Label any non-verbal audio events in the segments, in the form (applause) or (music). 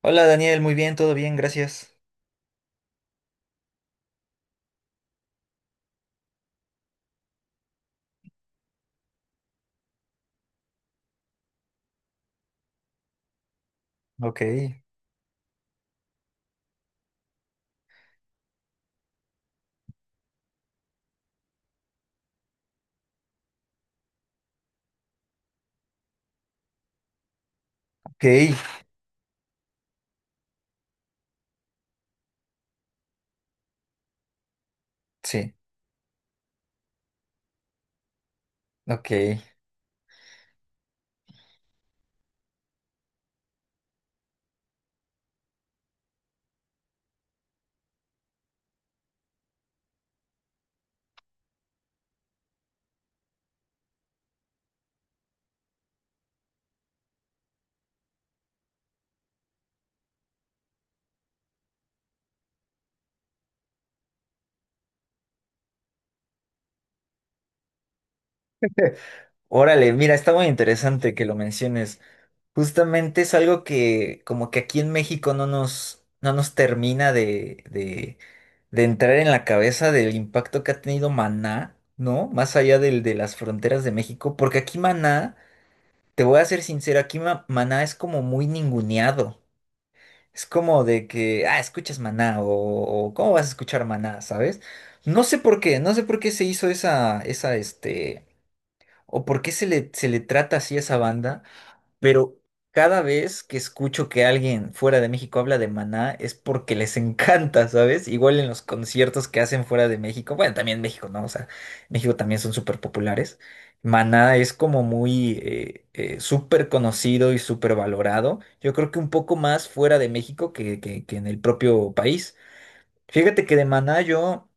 Hola Daniel, muy bien, todo bien, gracias. Ok, ok, sí, ok. Órale, mira, está muy interesante que lo menciones. Justamente es algo que como que aquí en México no nos termina de entrar en la cabeza del impacto que ha tenido Maná, ¿no? Más allá de las fronteras de México, porque aquí Maná, te voy a ser sincero, aquí Maná es como muy ninguneado. Es como de que, ah, escuchas Maná o, ¿cómo vas a escuchar Maná, sabes? No sé por qué, no sé por qué se hizo esa, o por qué se le trata así a esa banda. Pero cada vez que escucho que alguien fuera de México habla de Maná es porque les encanta, ¿sabes? Igual en los conciertos que hacen fuera de México, bueno, también México, ¿no? O sea, México también son súper populares. Maná es como muy súper conocido y súper valorado. Yo creo que un poco más fuera de México que en el propio país. Fíjate que de Maná yo...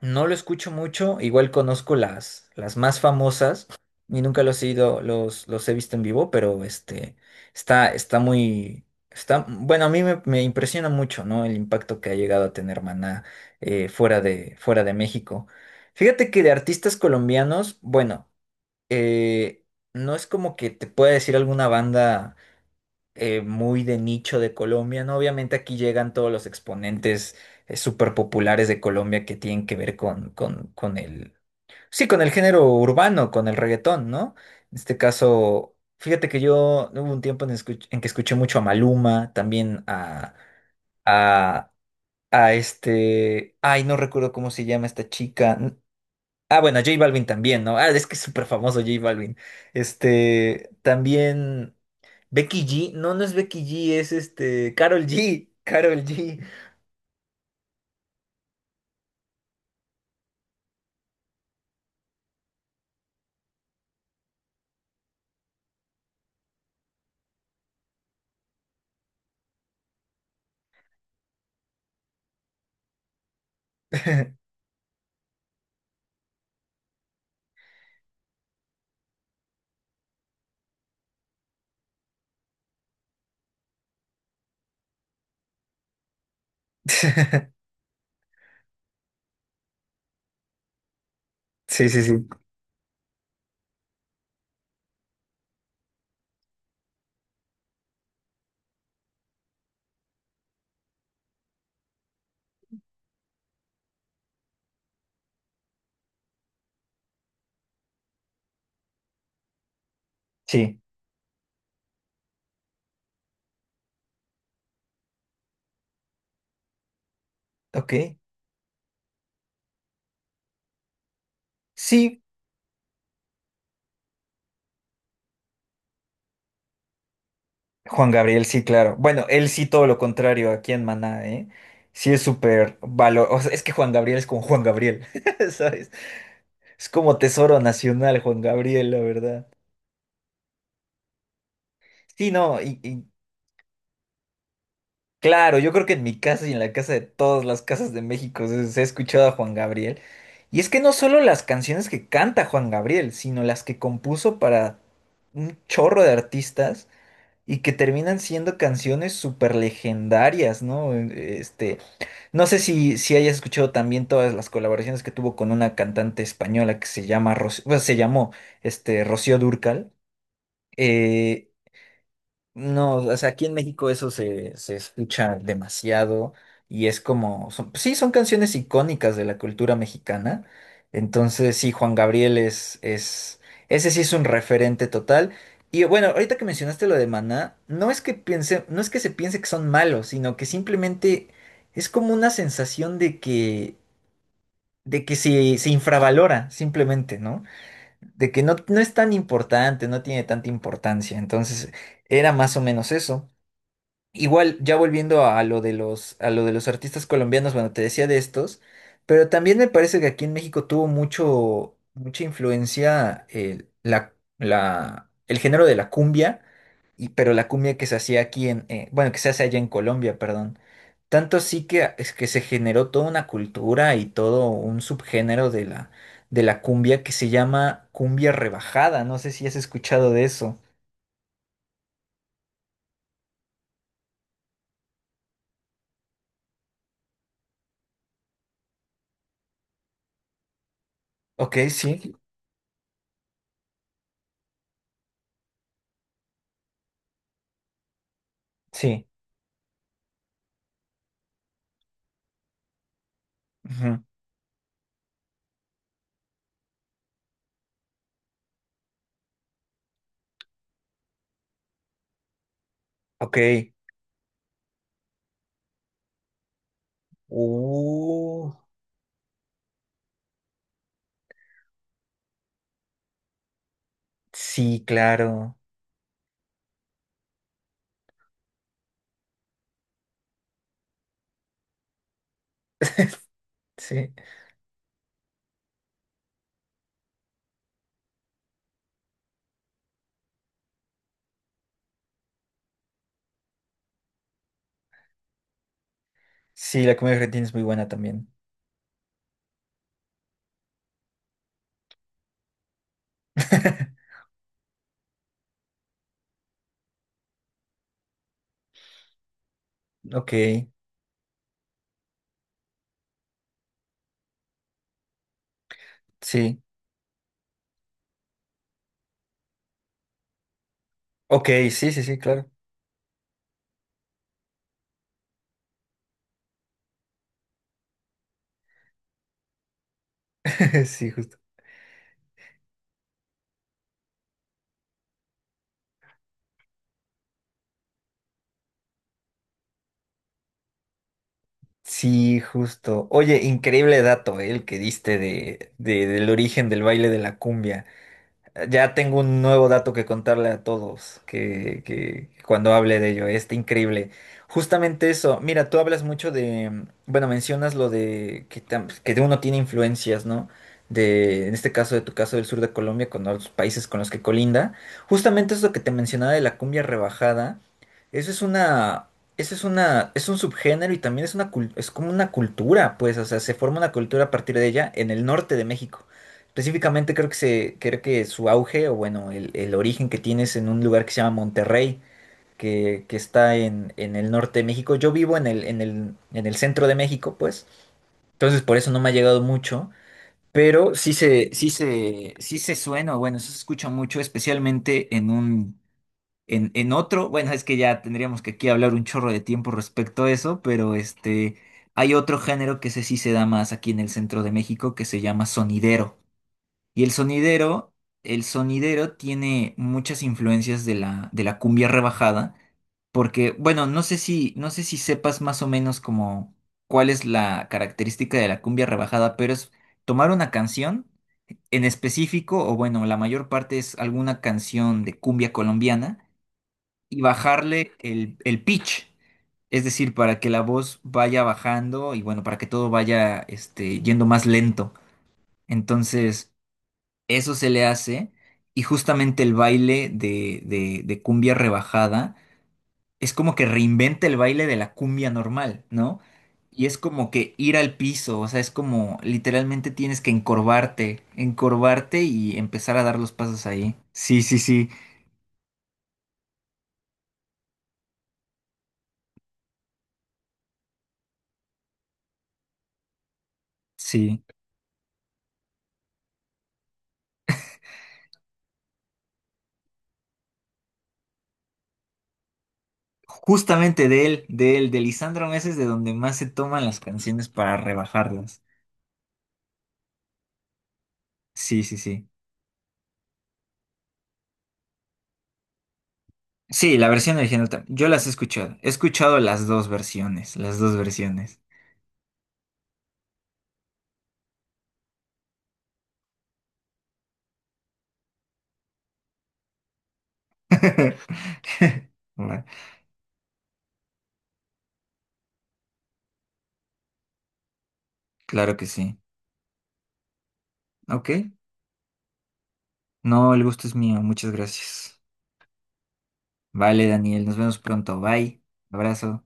No lo escucho mucho, igual conozco las más famosas y nunca los he visto en vivo, pero está muy, está, bueno, a me impresiona mucho, ¿no? El impacto que ha llegado a tener Maná fuera fuera de México. Fíjate que de artistas colombianos, bueno, eh, no es como que te pueda decir alguna banda muy de nicho de Colombia, ¿no? Obviamente aquí llegan todos los exponentes súper populares de Colombia que tienen que ver con el, sí, con el género urbano, con el reggaetón, ¿no? En este caso, fíjate que yo hubo un tiempo en que escuché mucho a Maluma, también a, a ay, no recuerdo cómo se llama esta chica. Ah, bueno, J Balvin también, ¿no? Ah, es que es súper famoso J Balvin. También Becky G. No, no es Becky G, es Carol G. Carol G. (laughs) Sí, sí, sí. Sí, ok. Sí, Juan Gabriel, sí, claro. Bueno, él sí todo lo contrario aquí en Maná, ¿eh? Sí es súper valor. O sea, es que Juan Gabriel es como Juan Gabriel, (laughs) ¿sabes? Es como tesoro nacional, Juan Gabriel, la verdad. Sí, no. Y claro, yo creo que en mi casa y en la casa de todas las casas de México se ha escuchado a Juan Gabriel. Y es que no solo las canciones que canta Juan Gabriel, sino las que compuso para un chorro de artistas y que terminan siendo canciones súper legendarias, ¿no? No sé si hayas escuchado también todas las colaboraciones que tuvo con una cantante española que se llama bueno, se llamó Rocío Dúrcal. Eh, no, o sea, aquí en México se escucha demasiado y es como, sí, son canciones icónicas de la cultura mexicana. Entonces, sí, Juan Gabriel, ese sí es un referente total. Y bueno, ahorita que mencionaste lo de Maná, no es que piense, no es que se piense que son malos, sino que simplemente es como una sensación de que se infravalora, simplemente, ¿no? De que no, no es tan importante, no tiene tanta importancia. Entonces, era más o menos eso. Igual, ya volviendo a lo de los, a lo de los artistas colombianos, bueno, te decía de estos, pero también me parece que aquí en México tuvo mucho, mucha influencia el género de la cumbia, y, pero la cumbia que se hacía aquí en, bueno, que se hace allá en Colombia, perdón. Tanto sí que, ah, es que se generó toda una cultura y todo un subgénero de la cumbia que se llama cumbia rebajada. No sé si has escuchado de eso. Ok, sí, sí. Ujú, ok. Uh, sí, claro. (laughs) Sí. Sí, la comida argentina es muy buena también. (laughs) Ok, sí. Ok, sí, sí, sí, claro. (laughs) Sí, justo. Sí, justo. Oye, increíble dato, el que diste del origen del baile de la cumbia. Ya tengo un nuevo dato que contarle a todos que cuando hable de ello, este increíble. Justamente eso, mira, tú hablas mucho de, bueno, mencionas lo de que de uno tiene influencias, ¿no? De, en este caso, de tu caso del sur de Colombia, con los países con los que colinda. Justamente eso que te mencionaba de la cumbia rebajada, eso es una, eso es una, es un subgénero y también es una, es como una cultura, pues, o sea, se forma una cultura a partir de ella en el norte de México. Específicamente creo que su auge, o bueno, el origen que tiene es en un lugar que se llama Monterrey, que está en el norte de México. Yo vivo en el centro de México, pues. Entonces por eso no me ha llegado mucho. Pero sí se suena, o bueno, sí se escucha mucho, especialmente en otro. Bueno, es que ya tendríamos que aquí hablar un chorro de tiempo respecto a eso, pero hay otro género que ese sí se da más aquí en el centro de México que se llama sonidero. Y el sonidero tiene muchas influencias de la cumbia rebajada, porque, bueno, no sé si sepas más o menos como cuál es la característica de la cumbia rebajada, pero es tomar una canción en específico, o bueno, la mayor parte es alguna canción de cumbia colombiana, y bajarle el pitch. Es decir, para que la voz vaya bajando y bueno, para que todo vaya este, yendo más lento. Entonces. Eso se le hace y justamente el baile de cumbia rebajada es como que reinventa el baile de la cumbia normal, ¿no? Y es como que ir al piso, o sea, es como literalmente tienes que encorvarte, encorvarte y empezar a dar los pasos ahí. Sí, sí, sí, sí. Justamente de él, de él, de Lisandro Meses, de donde más se toman las canciones para rebajarlas. Sí, sí, sí. Sí, la versión original, yo las he escuchado. He escuchado las dos versiones, las dos versiones. (laughs) Vale, claro que sí. Ok. No, el gusto es mío. Muchas gracias. Vale, Daniel. Nos vemos pronto. Bye. Abrazo.